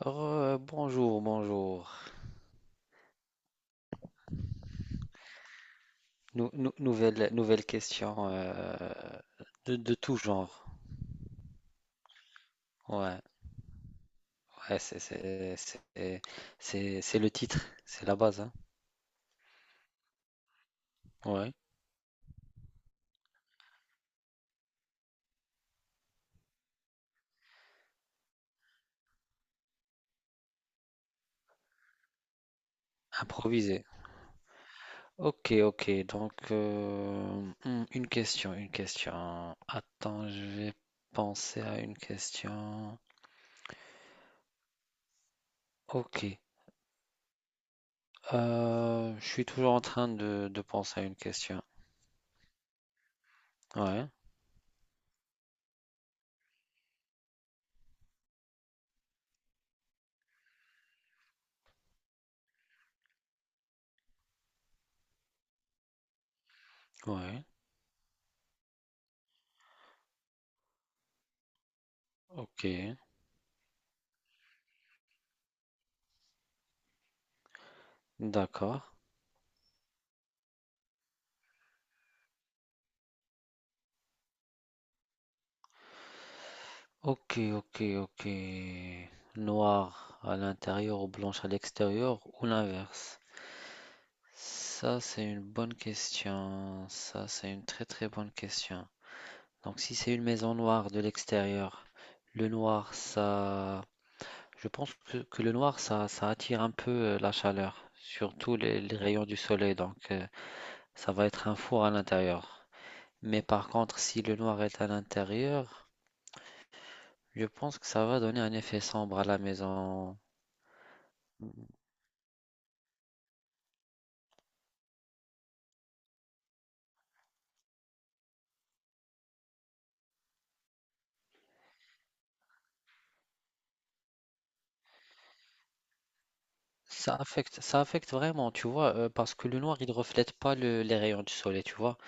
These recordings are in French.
Bonjour, bonjour. Nouvelle question de tout genre. Ouais, ouais, c'est le titre, c'est la base, hein. Ouais. Improviser. Ok, ok. Donc, une question, une question. Attends, je vais penser à une question. Ok. Je suis toujours en train de penser à une question. Ouais, ouais. Ok. D'accord. Ok, ok, ok. Noir à l'intérieur ou blanche à l'extérieur ou l'inverse? Ça, c'est une bonne question. Ça, c'est une très très bonne question. Donc, si c'est une maison noire de l'extérieur, le noir, ça... je pense que le noir, ça attire un peu la chaleur, surtout les rayons du soleil. Donc, ça va être un four à l'intérieur. Mais par contre, si le noir est à l'intérieur, je pense que ça va donner un effet sombre à la maison. Ça affecte vraiment, tu vois, parce que le noir, il reflète pas les rayons du soleil, tu vois.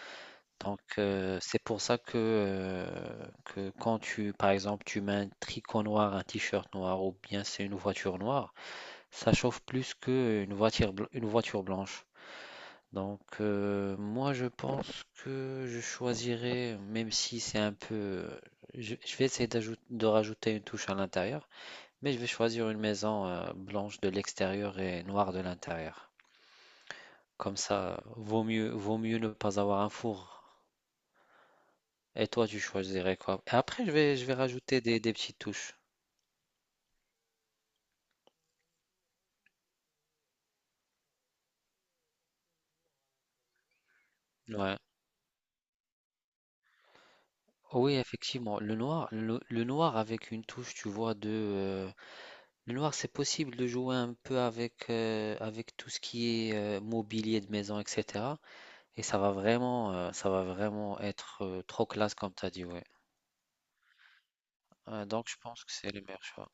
Donc, c'est pour ça que quand tu, par exemple, tu mets un tricot noir, un t-shirt noir, ou bien c'est une voiture noire, ça chauffe plus qu'une voiture, une voiture blanche. Donc, moi, je pense que je choisirais, même si c'est un peu. Je vais essayer de rajouter une touche à l'intérieur, mais je vais choisir une maison, blanche de l'extérieur et noire de l'intérieur. Comme ça, vaut mieux ne pas avoir un four. Et toi, tu choisirais quoi? Et après, je vais rajouter des petites touches. Ouais. Oui, effectivement. Le noir avec une touche, tu vois, le noir, c'est possible de jouer un peu avec, avec tout ce qui est mobilier de maison, etc. Et ça va vraiment être trop classe, comme tu as dit, ouais. Donc, je pense que c'est le meilleur choix.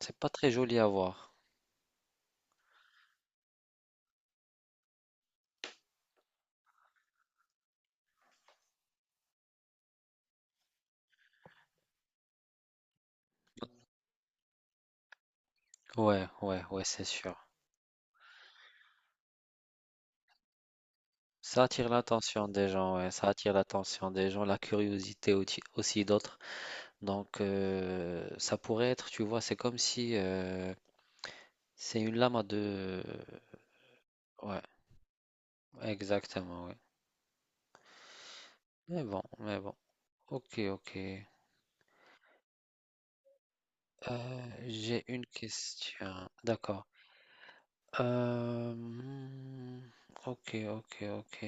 C'est pas très joli à voir. Ouais, ouais, ouais, c'est sûr. Ça attire l'attention des gens, ouais, ça attire l'attention des gens, la curiosité aussi, aussi d'autres. Donc ça pourrait être, tu vois, c'est comme si c'est une lame à deux. Ouais, exactement, ouais. Mais bon, mais bon. Ok, ok. J'ai une question. D'accord. Euh, hmm, ok, ok, ok.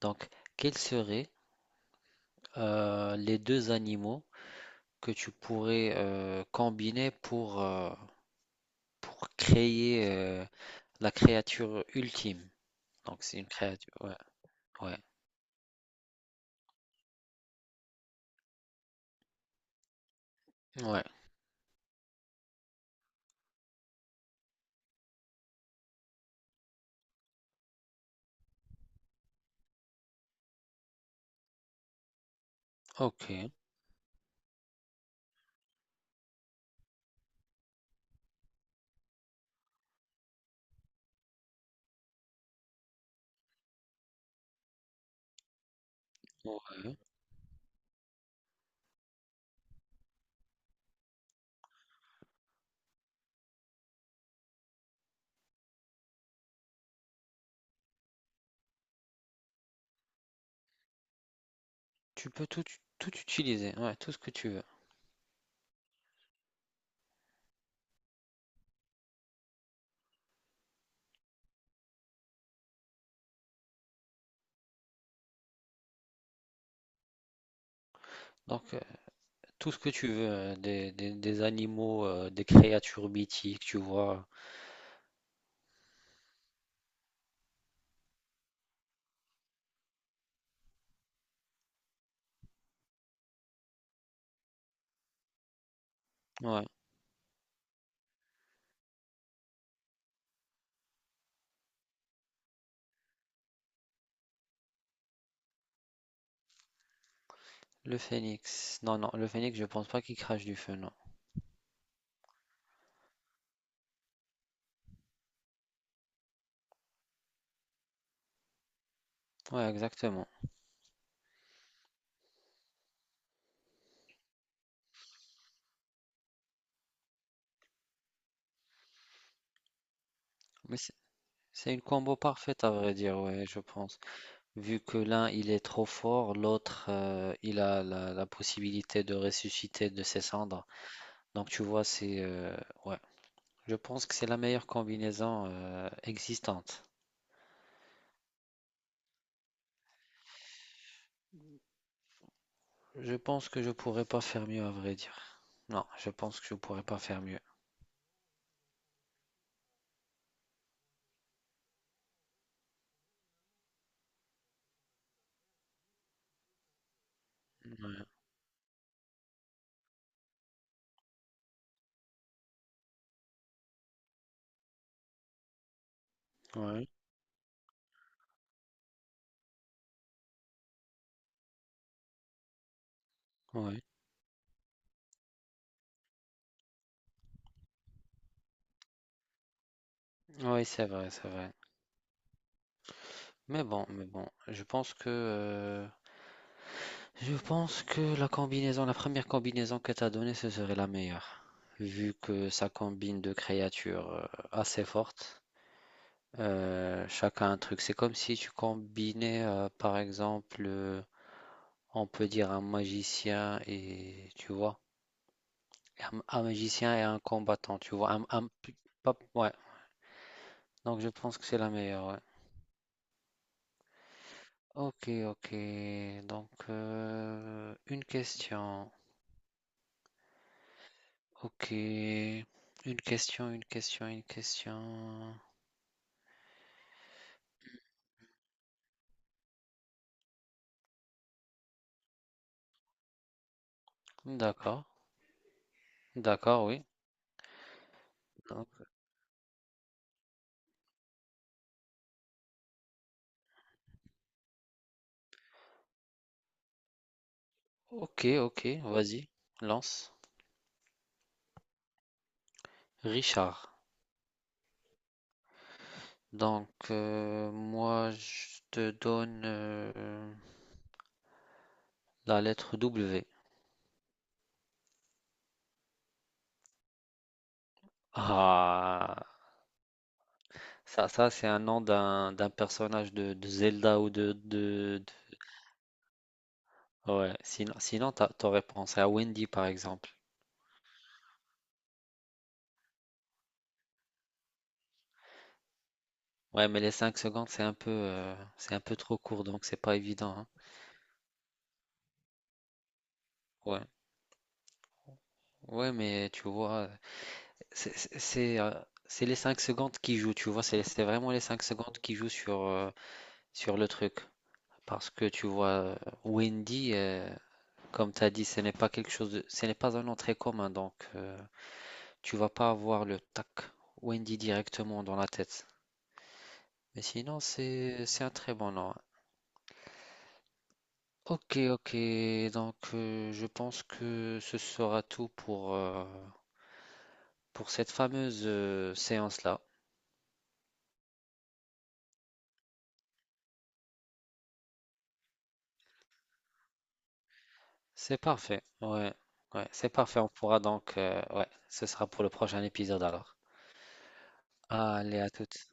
Donc, quels seraient les deux animaux que tu pourrais combiner pour créer, la créature ultime. Donc c'est une créature, ouais, ouais, ouais. OK, ouais. Tu peux tout tout utiliser, ouais, tout ce que tu veux. Donc, tout ce que tu veux, des animaux, des créatures mythiques, tu vois? Ouais, le phénix. Non, non, le phénix, je pense pas qu'il crache du feu, non. Ouais, exactement. Mais c'est une combo parfaite à vrai dire, ouais, je pense. Vu que l'un il est trop fort, l'autre il a la possibilité de ressusciter de ses cendres. Donc tu vois, c'est ouais. Je pense que c'est la meilleure combinaison existante. Je pense que je pourrais pas faire mieux à vrai dire. Non, je pense que je pourrais pas faire mieux. Oui, oui, oui, c'est vrai, c'est vrai. Mais bon, je pense que la combinaison, la première combinaison que t'as donnée, ce serait la meilleure, vu que ça combine deux créatures assez fortes. Chacun un truc. C'est comme si tu combinais, par exemple, on peut dire un magicien et tu vois, un magicien et un combattant, tu vois, ouais. Donc je pense que c'est la meilleure. Ouais. Ok, ok. Donc une question. Ok, une question, une question, une question. D'accord, d'accord, oui. Donc, ok, ok, vas-y, lance. Richard. Donc, moi, je te donne la lettre W. Ah, ça c'est un nom d'un personnage de Zelda ou de- Ouais, sinon t'aurais pensé à Wendy, par exemple. Ouais, mais les 5 secondes, c'est un peu trop court, donc c'est pas évident, hein. Ouais, ouais, mais tu vois, c'est c'est- c'est, euh, c'est les 5 secondes qui jouent, tu vois, c'est vraiment les 5 secondes qui jouent sur le truc. Parce que tu vois, Wendy, comme tu as dit, ce n'est pas un nom très commun, donc tu vas pas avoir le tac Wendy directement dans la tête. Mais sinon, c'est un très bon nom. Ok, ok, donc je pense que ce sera tout pour cette fameuse séance-là. C'est parfait, ouais, ouais, c'est parfait, on pourra donc, ouais, ce sera pour le prochain épisode alors. Allez, à toutes.